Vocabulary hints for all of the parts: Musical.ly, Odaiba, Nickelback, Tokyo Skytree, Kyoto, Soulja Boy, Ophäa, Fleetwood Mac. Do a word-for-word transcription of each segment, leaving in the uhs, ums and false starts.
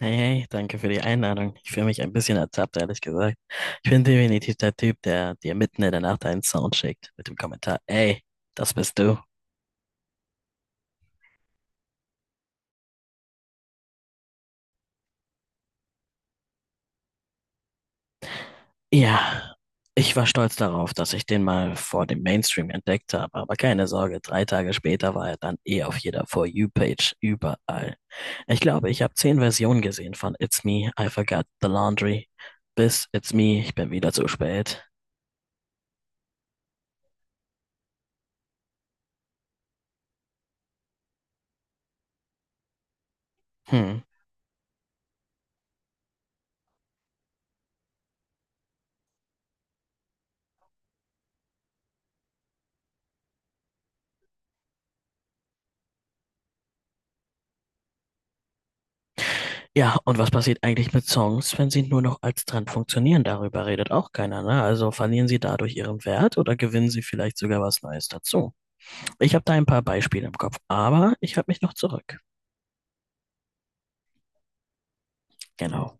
Hey, hey, danke für die Einladung. Ich fühle mich ein bisschen ertappt, ehrlich gesagt. Ich bin definitiv der Typ, der dir mitten in der Nacht einen Sound schickt mit dem Kommentar, ey, das bist du. Ja, ich war stolz darauf, dass ich den mal vor dem Mainstream entdeckt habe, aber keine Sorge, drei Tage später war er dann eh auf jeder For You-Page überall. Ich glaube, ich habe zehn Versionen gesehen von It's Me, I Forgot the Laundry bis It's Me, ich bin wieder zu spät. Hm. Ja, und was passiert eigentlich mit Songs, wenn sie nur noch als Trend funktionieren? Darüber redet auch keiner, ne? Also verlieren sie dadurch ihren Wert oder gewinnen sie vielleicht sogar was Neues dazu? Ich habe da ein paar Beispiele im Kopf, aber ich halte mich noch zurück. Genau.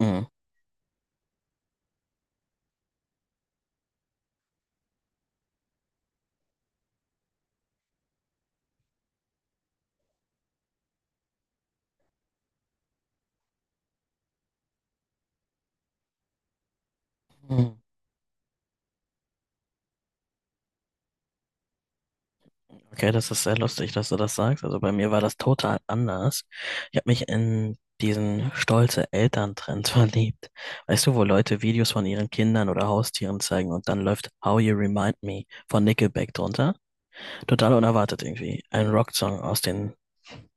Mhm. Mhm. Okay, das ist sehr lustig, dass du das sagst. Also bei mir war das total anders. Ich habe mich in diesen stolze Elterntrend verliebt. Weißt du, wo Leute Videos von ihren Kindern oder Haustieren zeigen und dann läuft How You Remind Me von Nickelback drunter? Total unerwartet irgendwie. Ein Rocksong aus den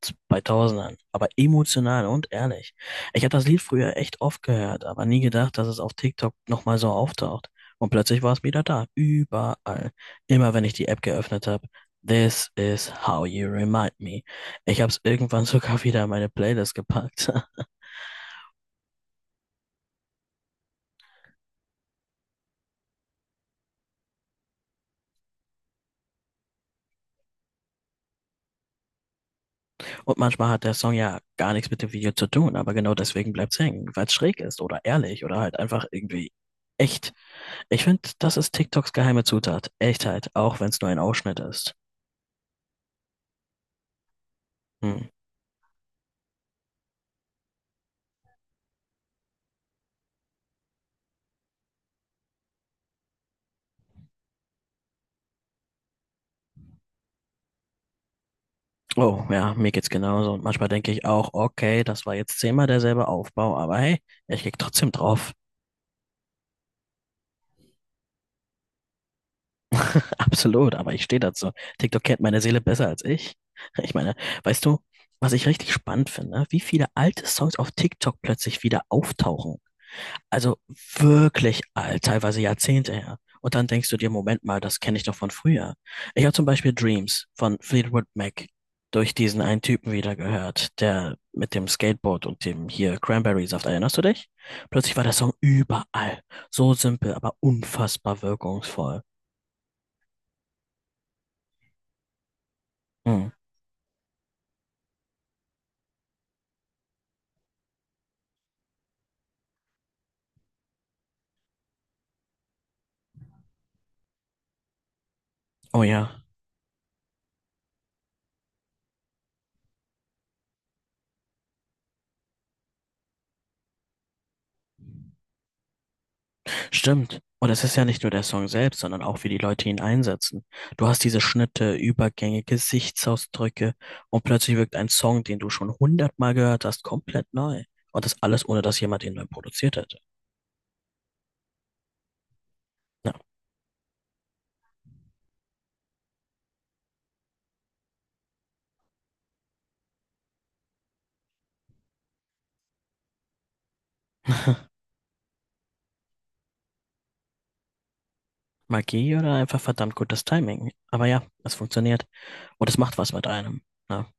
zweitausendern, aber emotional und ehrlich. Ich habe das Lied früher echt oft gehört, aber nie gedacht, dass es auf TikTok nochmal so auftaucht. Und plötzlich war es wieder da, überall. Immer wenn ich die App geöffnet habe. This is how you remind me. Ich habe es irgendwann sogar wieder in meine Playlist gepackt. Und manchmal hat der Song ja gar nichts mit dem Video zu tun, aber genau deswegen bleibt's hängen, weil es schräg ist oder ehrlich oder halt einfach irgendwie echt. Ich finde, das ist TikToks geheime Zutat. Echtheit, auch wenn es nur ein Ausschnitt ist. Hm. Oh, ja, mir geht's genauso. Und manchmal denke ich auch, okay, das war jetzt zehnmal derselbe Aufbau, aber hey, ich klicke trotzdem drauf. Absolut, aber ich stehe dazu. TikTok kennt meine Seele besser als ich. Ich meine, weißt du, was ich richtig spannend finde, wie viele alte Songs auf TikTok plötzlich wieder auftauchen. Also wirklich alt, teilweise Jahrzehnte her. Und dann denkst du dir, Moment mal, das kenne ich doch von früher. Ich habe zum Beispiel Dreams von Fleetwood Mac durch diesen einen Typen wieder gehört, der mit dem Skateboard und dem hier Cranberry-Saft, erinnerst du dich? Plötzlich war der Song überall. So simpel, aber unfassbar wirkungsvoll. Hm. Oh ja. Stimmt. Und es ist ja nicht nur der Song selbst, sondern auch, wie die Leute ihn einsetzen. Du hast diese Schnitte, Übergänge, Gesichtsausdrücke und plötzlich wirkt ein Song, den du schon hundertmal gehört hast, komplett neu. Und das alles, ohne dass jemand ihn neu produziert hätte. Ja. Magie oder einfach verdammt gutes Timing. Aber ja, es funktioniert. Und es macht was mit einem. Ja.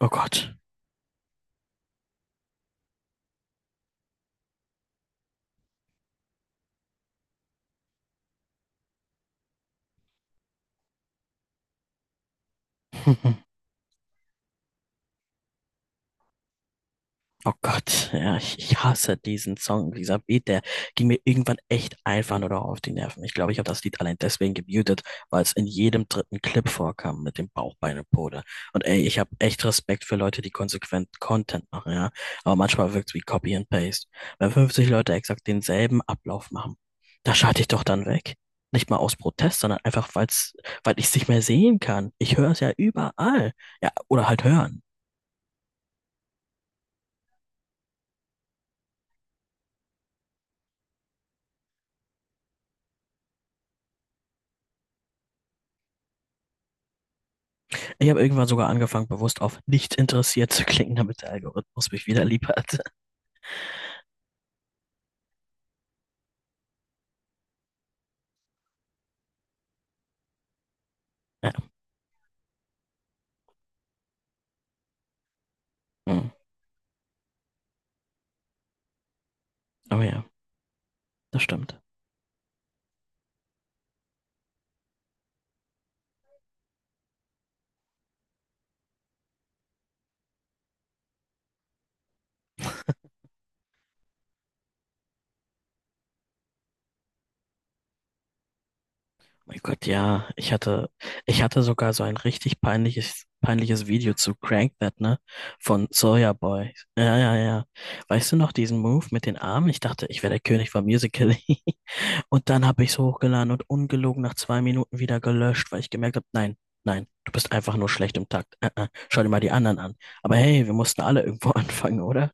Oh Gott. Oh Gott, ja, ich, ich hasse diesen Song, dieser Beat, der ging mir irgendwann echt einfach nur noch auf die Nerven. Ich glaube, ich habe das Lied allein deswegen gemutet, weil es in jedem dritten Clip vorkam mit dem Bauch, Beine, Pode. Und ey, ich habe echt Respekt für Leute, die konsequent Content machen, ja. Aber manchmal wirkt's wie Copy and Paste. Wenn fünfzig Leute exakt denselben Ablauf machen, da schalte ich doch dann weg. Nicht mal aus Protest, sondern einfach, weil's, weil ich es nicht mehr sehen kann. Ich höre es ja überall. Ja, oder halt hören. Ich habe irgendwann sogar angefangen, bewusst auf nicht interessiert zu klicken, damit der Algorithmus mich wieder lieb hat. Ja, mm. Aber ja, das stimmt. Mein Gott, ja, ich hatte, ich hatte sogar so ein richtig peinliches, peinliches Video zu Crank That, ne? Von Soulja Boy. Ja, ja, ja. Weißt du noch diesen Move mit den Armen? Ich dachte, ich wäre der König von Musical.ly. Und dann habe ich es hochgeladen und ungelogen nach zwei Minuten wieder gelöscht, weil ich gemerkt habe, nein, nein, du bist einfach nur schlecht im Takt. Äh, äh, schau dir mal die anderen an. Aber hey, wir mussten alle irgendwo anfangen, oder?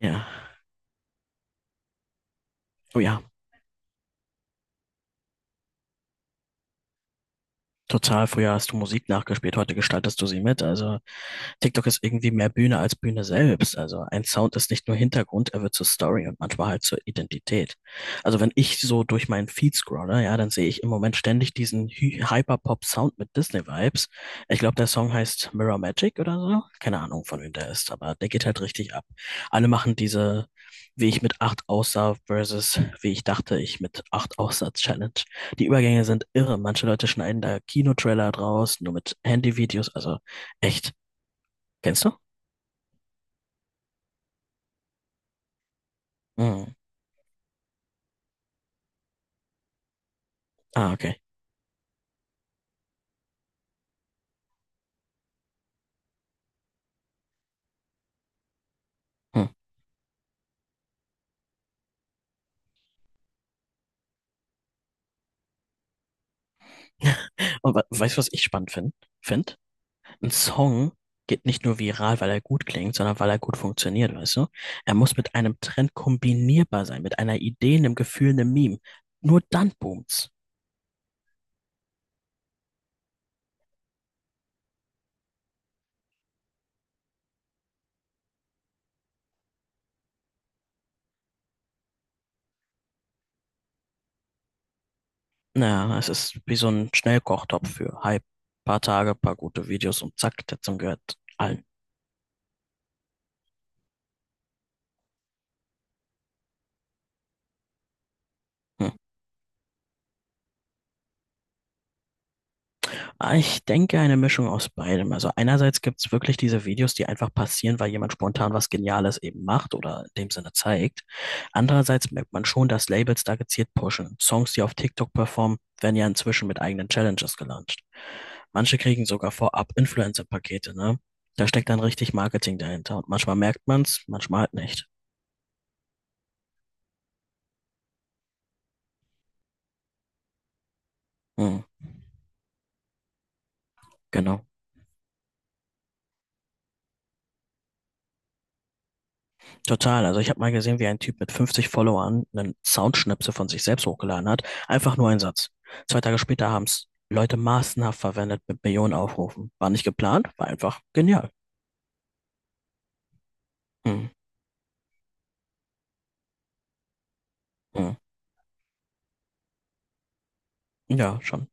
Ja. Oh ja, total. Früher hast du Musik nachgespielt, heute gestaltest du sie mit. Also, TikTok ist irgendwie mehr Bühne als Bühne selbst. Also ein Sound ist nicht nur Hintergrund, er wird zur Story und manchmal halt zur Identität. Also wenn ich so durch meinen Feed scrolle, ja, dann sehe ich im Moment ständig diesen Hy- Hyperpop-Sound mit Disney-Vibes. Ich glaube, der Song heißt Mirror Magic oder so. Keine Ahnung, von wem der ist, aber der geht halt richtig ab. Alle machen diese, wie ich mit acht aussah versus wie ich dachte, ich mit acht aussah Challenge. Die Übergänge sind irre. Manche Leute schneiden da Kinotrailer draus, nur mit Handyvideos. Also echt, kennst du? Hm. Ah, okay. Hm. Und we- weißt du, was ich spannend finde? Find? Ein Song geht nicht nur viral, weil er gut klingt, sondern weil er gut funktioniert, weißt du? Er muss mit einem Trend kombinierbar sein, mit einer Idee, einem Gefühl, einem Meme. Nur dann boomt's. Naja, es ist wie so ein Schnellkochtopf für Hype. Paar Tage, paar gute Videos und zack, der Song gehört allen. Ah, Ich denke, eine Mischung aus beidem. Also einerseits gibt es wirklich diese Videos, die einfach passieren, weil jemand spontan was Geniales eben macht oder in dem Sinne zeigt. Andererseits merkt man schon, dass Labels da gezielt pushen. Songs, die auf TikTok performen, werden ja inzwischen mit eigenen Challenges gelauncht. Manche kriegen sogar vorab Influencer-Pakete, ne? Da steckt dann richtig Marketing dahinter und manchmal merkt man's, manchmal halt nicht. Hm, genau. Total. Also ich habe mal gesehen, wie ein Typ mit fünfzig Followern einen Soundschnipsel von sich selbst hochgeladen hat. Einfach nur ein Satz. Zwei Tage später haben es Leute massenhaft verwendet mit Millionen Aufrufen. War nicht geplant, war einfach genial. Hm. Hm. Ja, schon.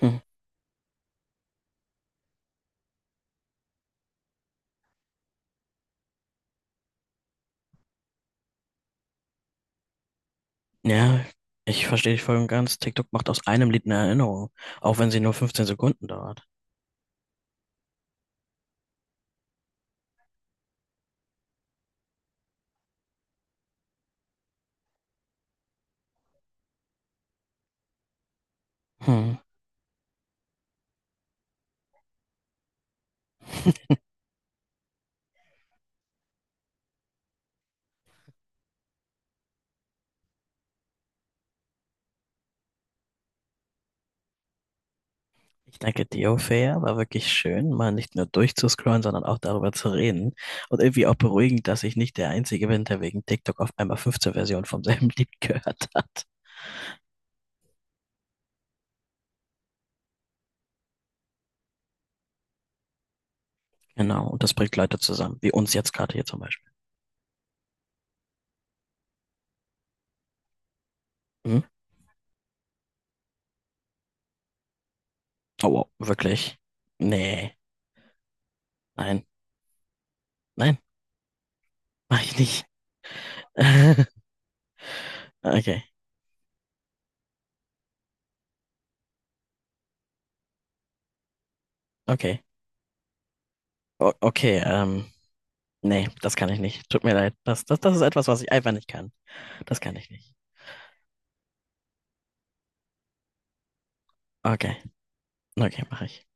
Hm. Ja, ich verstehe dich voll und ganz. TikTok macht aus einem Lied eine Erinnerung, auch wenn sie nur fünfzehn Sekunden dauert. Hm. Ich danke dir, Ophäa. War wirklich schön, mal nicht nur durchzuscrollen, sondern auch darüber zu reden. Und irgendwie auch beruhigend, dass ich nicht der Einzige bin, der wegen TikTok auf einmal fünfzehn Versionen vom selben Lied gehört hat. Genau, und das bringt Leute zusammen, wie uns jetzt gerade hier zum Beispiel. Mhm. Oh, wow, wirklich? Nee, nein, nein, mach ich nicht. Okay, okay, o okay, ähm, nee, das kann ich nicht. Tut mir leid. Das, das, das ist etwas, was ich einfach nicht kann. Das kann ich nicht. Okay, okay, mache ich.